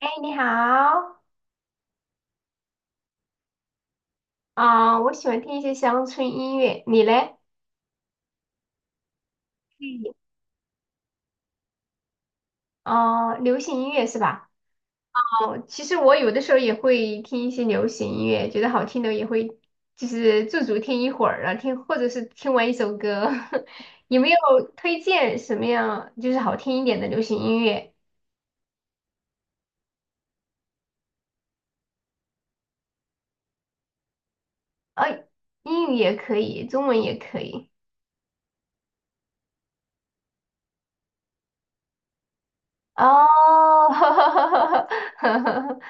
哎，你好。我喜欢听一些乡村音乐，你嘞？嗯。哦、流行音乐是吧？哦、其实我有的时候也会听一些流行音乐，觉得好听的也会，就是驻足听一会儿啊，听或者是听完一首歌。有没有推荐什么样就是好听一点的流行音乐？啊、英语也可以，中文也可以。哦。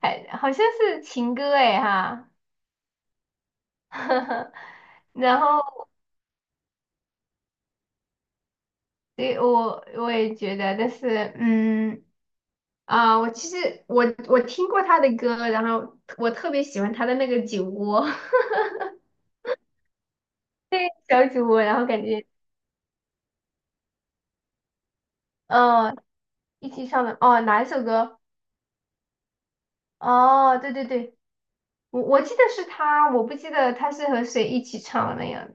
还好像是情歌哎哈。然后对，我也觉得，但是我其实我听过他的歌，然后我特别喜欢他的那个酒窝。 小酒窝，然后感觉嗯、呃一起唱的哦哪一首歌？哦，对对对，我记得是他，我不记得他是和谁一起唱的呀？样。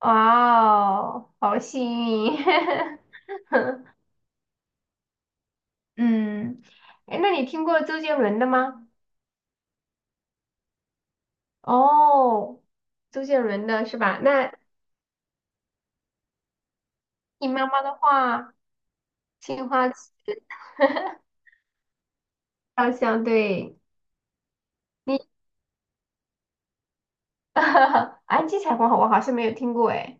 哦，好幸运。嗯。哎，那你听过周杰伦的吗？哦，周杰伦的是吧？那你妈妈的话，青花瓷。 好像对，你。安吉彩虹我好像没有听过哎。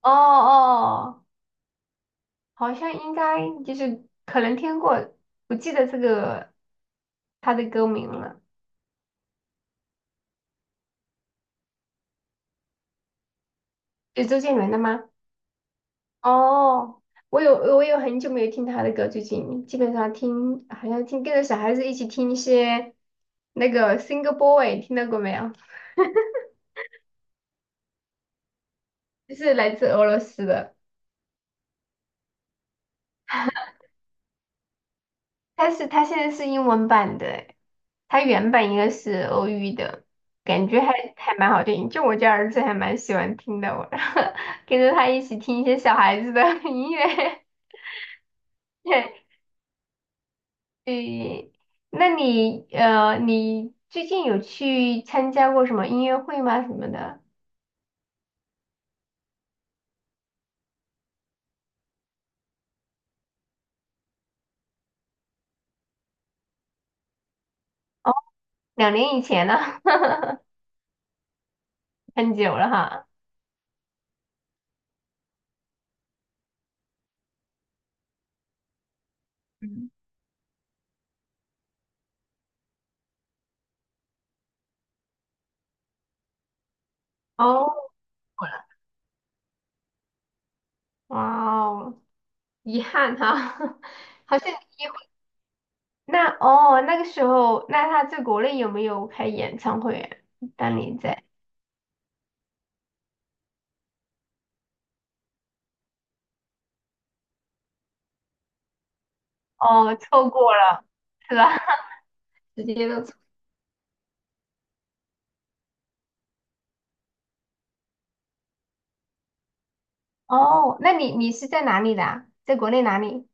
哦哦，好像应该就是可能听过，不记得这个他的歌名了。是周杰伦的吗？哦，我有很久没有听他的歌，最近基本上听好像听跟着小孩子一起听一些那个 Single Boy,听到过没有？就是来自俄罗斯的，但是他现在是英文版的。它原版应该是欧语的，感觉还还蛮好听，就我家儿子还蛮喜欢听的，我 跟着他一起听一些小孩子的 音乐。对，对。那你你最近有去参加过什么音乐会吗？什么的？哦，两年以前了。很久了哈。嗯。哦，哇哦。遗憾哈。好像。那哦，那个时候，那他在国内有没有开演唱会啊？当年在。哦，错过了，是吧？直接都错。哦，那你是在哪里的啊，在国内哪里？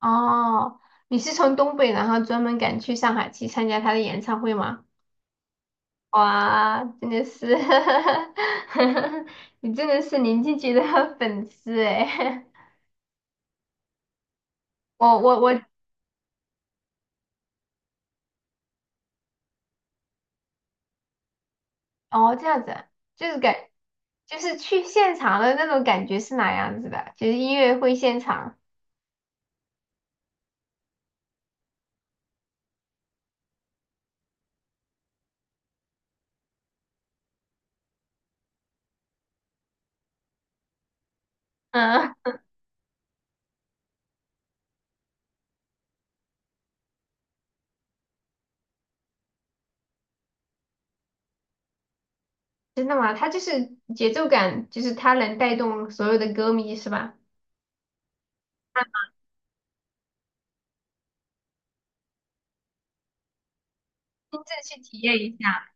哦，你是从东北，然后专门赶去上海去参加他的演唱会吗？哇，真的是。你真的是林俊杰的粉丝哎！我我我，哦，这样子啊。就是感就是去现场的那种感觉是哪样子的？就是音乐会现场。嗯。真的吗？它就是节奏感，就是它能带动所有的歌迷，是吧？啊，亲自去体验一下。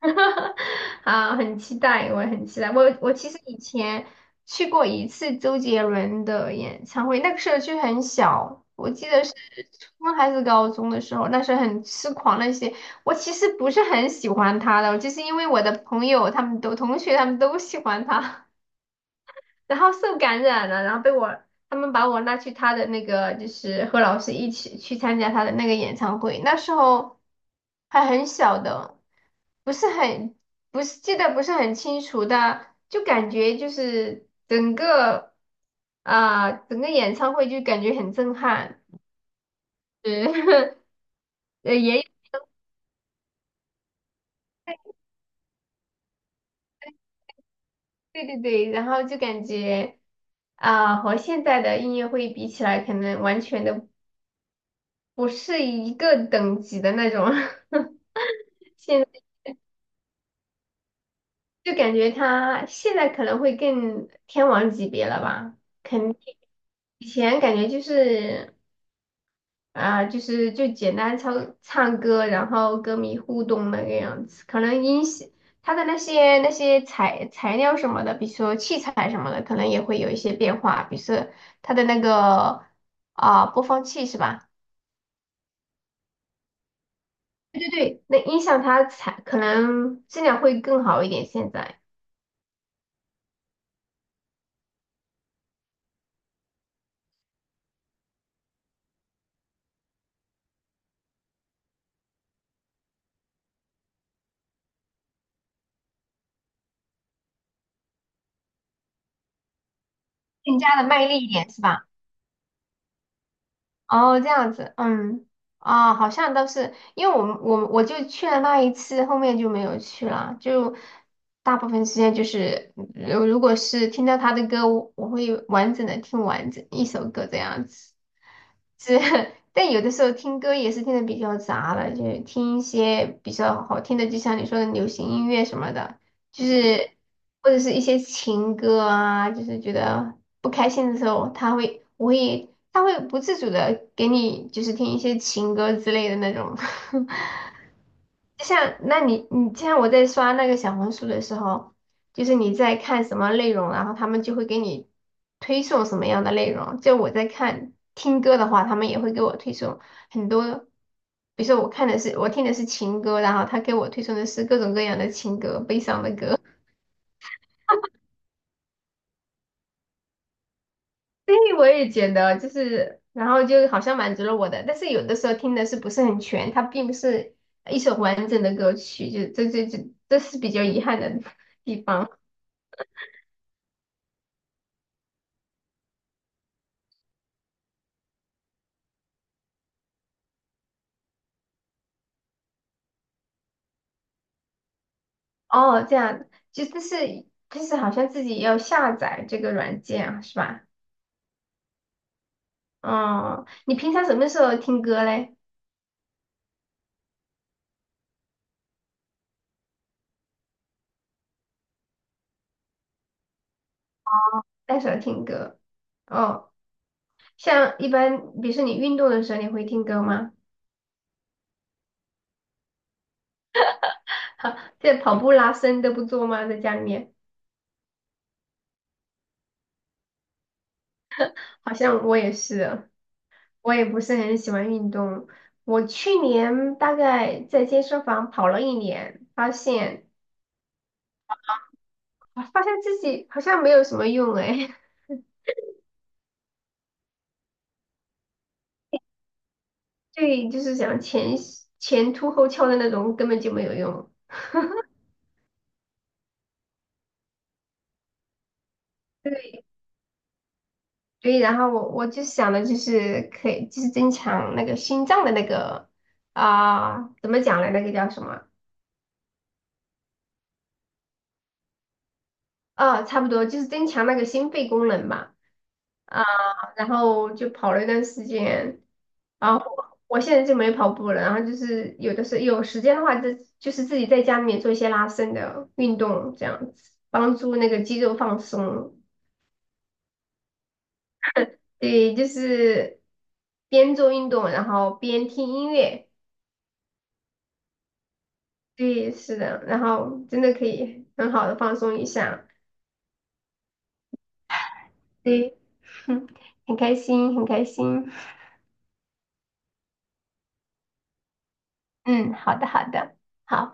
啊，很期待，我也很期待。我其实以前去过一次周杰伦的演唱会，那个时候就很小，我记得是初中还是高中的时候，那时候很痴狂那些。我其实不是很喜欢他的，就是因为我的朋友他们都，同学他们都喜欢他，然后受感染了，然后他们把我拉去他的那个，就是和老师一起去参加他的那个演唱会。那时候还很小的，不是很不是记得不是很清楚的，就感觉就是整个，整个演唱会就感觉很震撼，是。 呃也对对对，然后就感觉，和现在的音乐会比起来，可能完全的不是一个等级的那种。现就感觉他现在可能会更天王级别了吧，肯定。以前感觉就是，就是就简单唱唱歌，然后歌迷互动那个样子，可能音响他的那些那些材料什么的，比如说器材什么的，可能也会有一些变化，比如说他的那个，播放器是吧？对对对，那音响它才可能质量会更好一点，现在更加的卖力一点是吧？哦，这样子。嗯。啊，好像都是，因为我们我就去了那一次，后面就没有去了，就大部分时间就是，如果是听到他的歌，我会完整的听完整一首歌这样子，是。但有的时候听歌也是听的比较杂了，就听一些比较好听的，就像你说的流行音乐什么的。就是或者是一些情歌啊，就是觉得不开心的时候，他会，我会，他会不自主的给你就是听一些情歌之类的那种。就像那你像我在刷那个小红书的时候，就是你在看什么内容，然后他们就会给你推送什么样的内容。就我在看听歌的话，他们也会给我推送很多。比如说我看的是，我听的是情歌，然后他给我推送的是各种各样的情歌，悲伤的歌。对，我也觉得就是，然后就好像满足了我的，但是有的时候听的是不是很全，它并不是一首完整的歌曲，就这是比较遗憾的地方。哦，这样。就但是就是好像自己要下载这个软件啊，是吧？哦，你平常什么时候听歌嘞？那时候听歌？哦，像一般，比如说你运动的时候，你会听歌吗？哈，这跑步、拉伸都不做吗？在家里面。好像我也是。我也不是很喜欢运动。我去年大概在健身房跑了一年，发现，发现自己好像没有什么用哎。对，就是想，前凸后翘的那种根本就没有用。对，对，然后我就想的就是可以，就是增强那个心脏的那个，怎么讲呢？那个叫什么？呃，差不多就是增强那个心肺功能吧。然后就跑了一段时间，然后我现在就没跑步了，然后就是有的时候有时间的话，就就是自己在家里面做一些拉伸的运动，这样子帮助那个肌肉放松。对，就是边做运动，然后边听音乐。对，是的，然后真的可以很好的放松一下。对。很开心，很开心。嗯，好的，好的，好。